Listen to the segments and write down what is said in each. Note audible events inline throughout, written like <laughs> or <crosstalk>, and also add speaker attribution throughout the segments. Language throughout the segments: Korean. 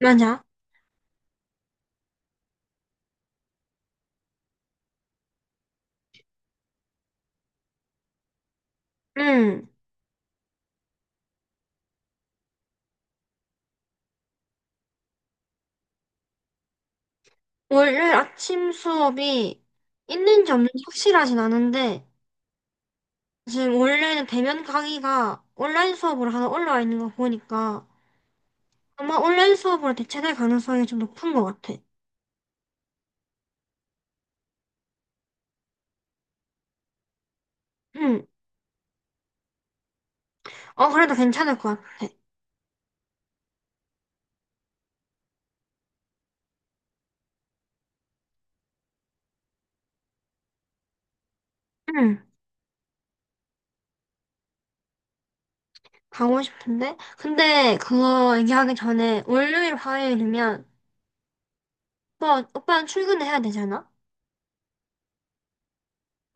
Speaker 1: 맞아. 응. 월요일 아침 수업이 있는지 없는지 확실하진 않은데, 지금 원래는 대면 강의가 온라인 수업으로 하나 올라와 있는 거 보니까 아마 온라인 수업으로 대체될 가능성이 좀 높은 것 같아. 응. 어, 그래도 괜찮을 것 같아. 응. 가고 싶은데? 근데 그거 얘기하기 전에 월요일, 화요일이면 오빠는 출근을 해야 되잖아?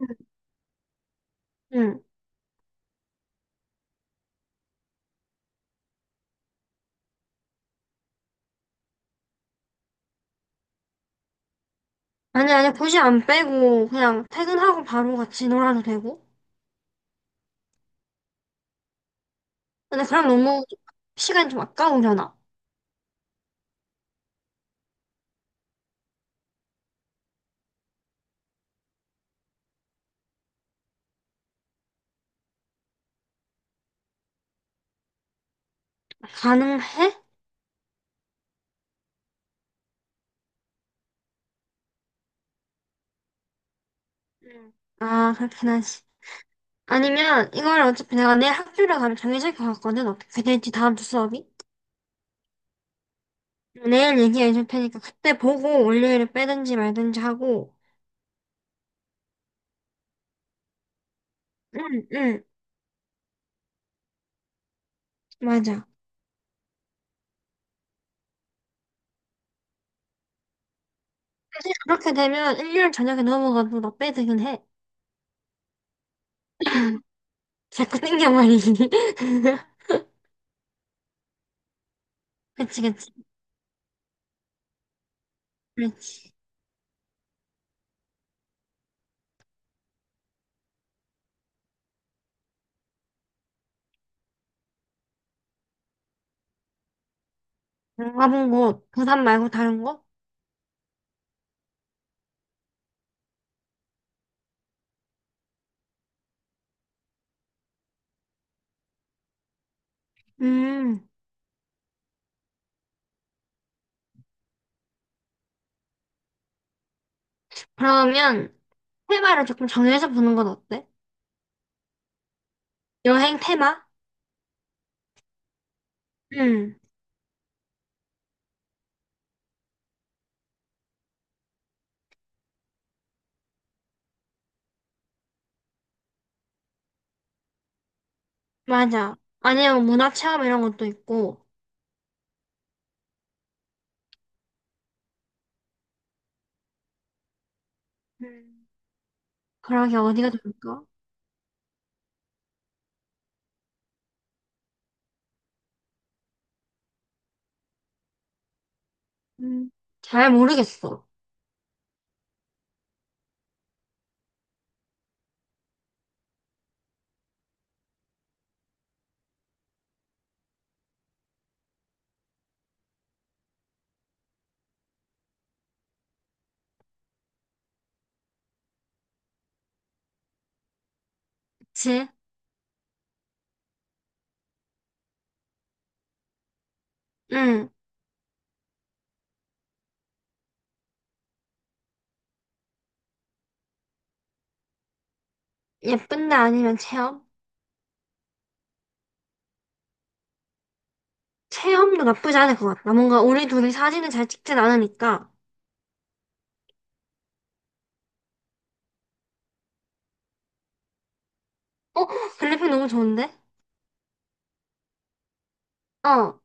Speaker 1: 응. 응. 아니, 아니, 굳이 안 빼고 그냥 퇴근하고 바로 같이 놀아도 되고? 근데 그럼 너무 시간이 좀 아까우려나? 가능해? 응. 아, 그렇긴 하지. 아니면 이걸 어차피 내가 내일 학교를 가면 정해질 것 같거든. 어떻게 될지 다음 주 수업이. 내일 얘기해 줄 테니까 그때 보고 월요일에 빼든지 말든지 하고. 응, 응, 맞아. 사실 그렇게 되면 일요일 저녁에 넘어가도 나 빼드긴 해. 자꾸 땡겨 말이지. <laughs> 그치, 그치. 그렇지. 안 가본 곳, 부산 말고 다른 곳? 음, 그러면 테마를 조금 정해서 보는 건 어때? 여행 테마? 응, 맞아. 아니면 문화 체험 이런 것도 있고. 음. 그러게 어디가 좋을까? 음. 잘 모르겠어. 그치? 응, 예쁜데 아니면 체험? 체험도 나쁘지 않을 것 같다. 뭔가 우리 둘이 사진을 잘 찍진 않으니까. 어, 글리핀 너무 좋은데? 어,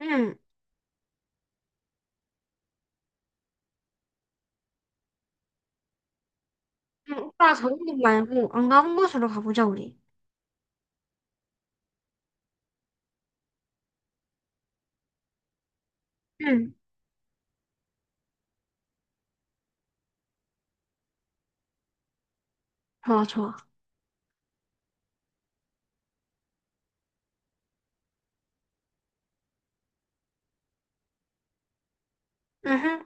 Speaker 1: 응. 응, 오빠 저런 곳 말고 안 가본 곳으로 가보자, 우리. 응, 좋아, 좋아. 응, 응.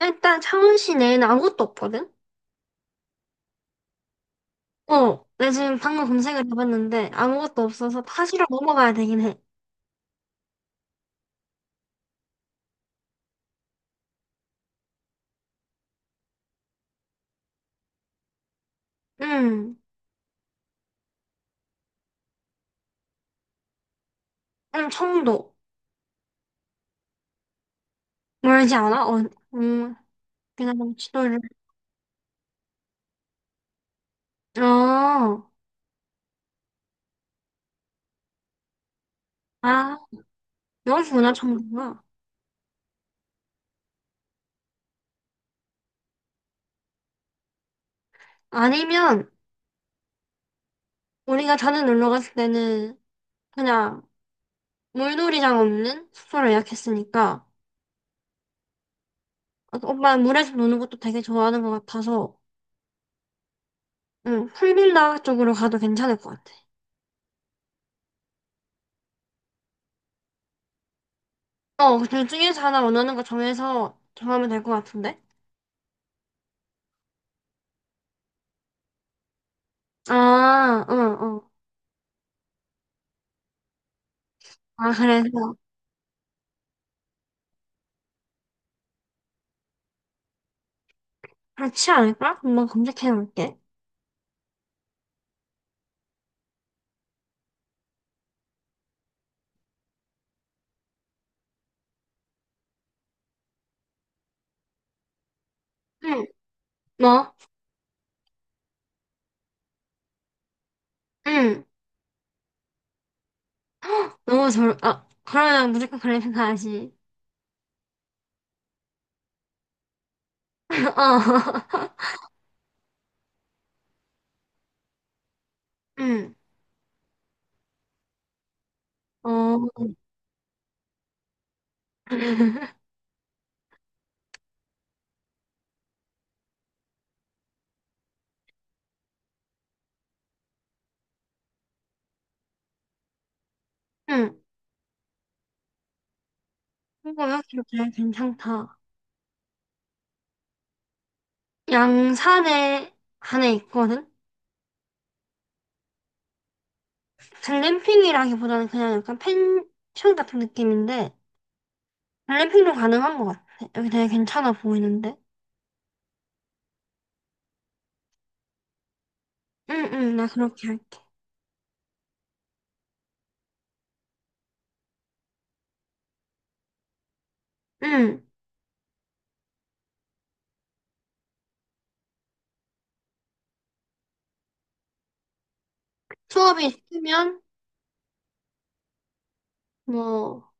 Speaker 1: 일단 창원시 내에는 아무것도 없거든? 어, 내 지금 방금 검색을 해봤는데 아무것도 없어서 타지로 넘어가야 되긴 해. 음, 청도. 멀지 않아? 어, 음, 내가 너무 지도를. 어, 아, 여기구나, 청도가. 아니면, 우리가 전에 놀러 갔을 때는 그냥 물놀이장 없는 숙소를 예약했으니까, 어, 오빠 물에서 노는 것도 되게 좋아하는 것 같아서, 응, 풀빌라 쪽으로 가도 괜찮을 것 같아. 어, 둘 중에서 하나 원하는 거 정해서 정하면 될 것 같은데? 아, 응, 응. 아, 그래서 그렇지 않을까? 한번 검색해 볼게. 응, 뭐? 응. 아, 그러면 무조건 그래픽 가야지. <laughs> 어, 응, 어, <laughs> 응. 이거 여기 되게 괜찮다. 양산에 안에 있거든? 글램핑이라기보다는 그냥 약간 펜션 같은 느낌인데, 글램핑도 가능한 것 같아. 여기 되게 괜찮아 보이는데? 응, 응, 나 그렇게 할게. 응. 수업이 있으면, 뭐,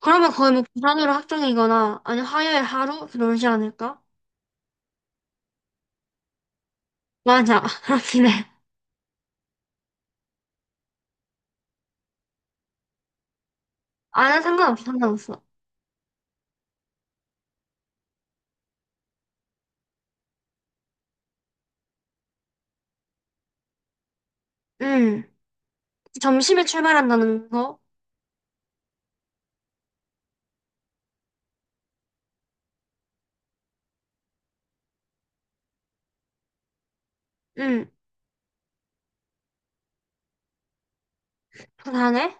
Speaker 1: 그러면 거의 뭐 부산으로 확정이거나 아니 화요일 하루 그러지 않을까? 맞아 <laughs> 그렇긴 해. 아는 상관없어 상관없어. 음. 점심에 출발한다는 거. 음. 부산에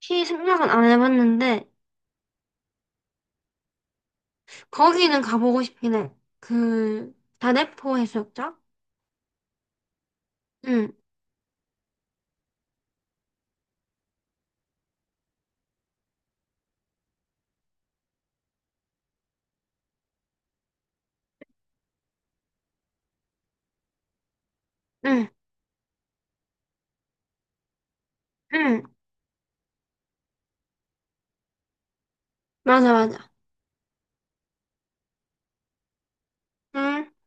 Speaker 1: 피 생각은 안 해봤는데 거기는 가보고 싶긴 해. 그 다대포 해수욕장. 응. 응. 응. 맞아 맞아. 응.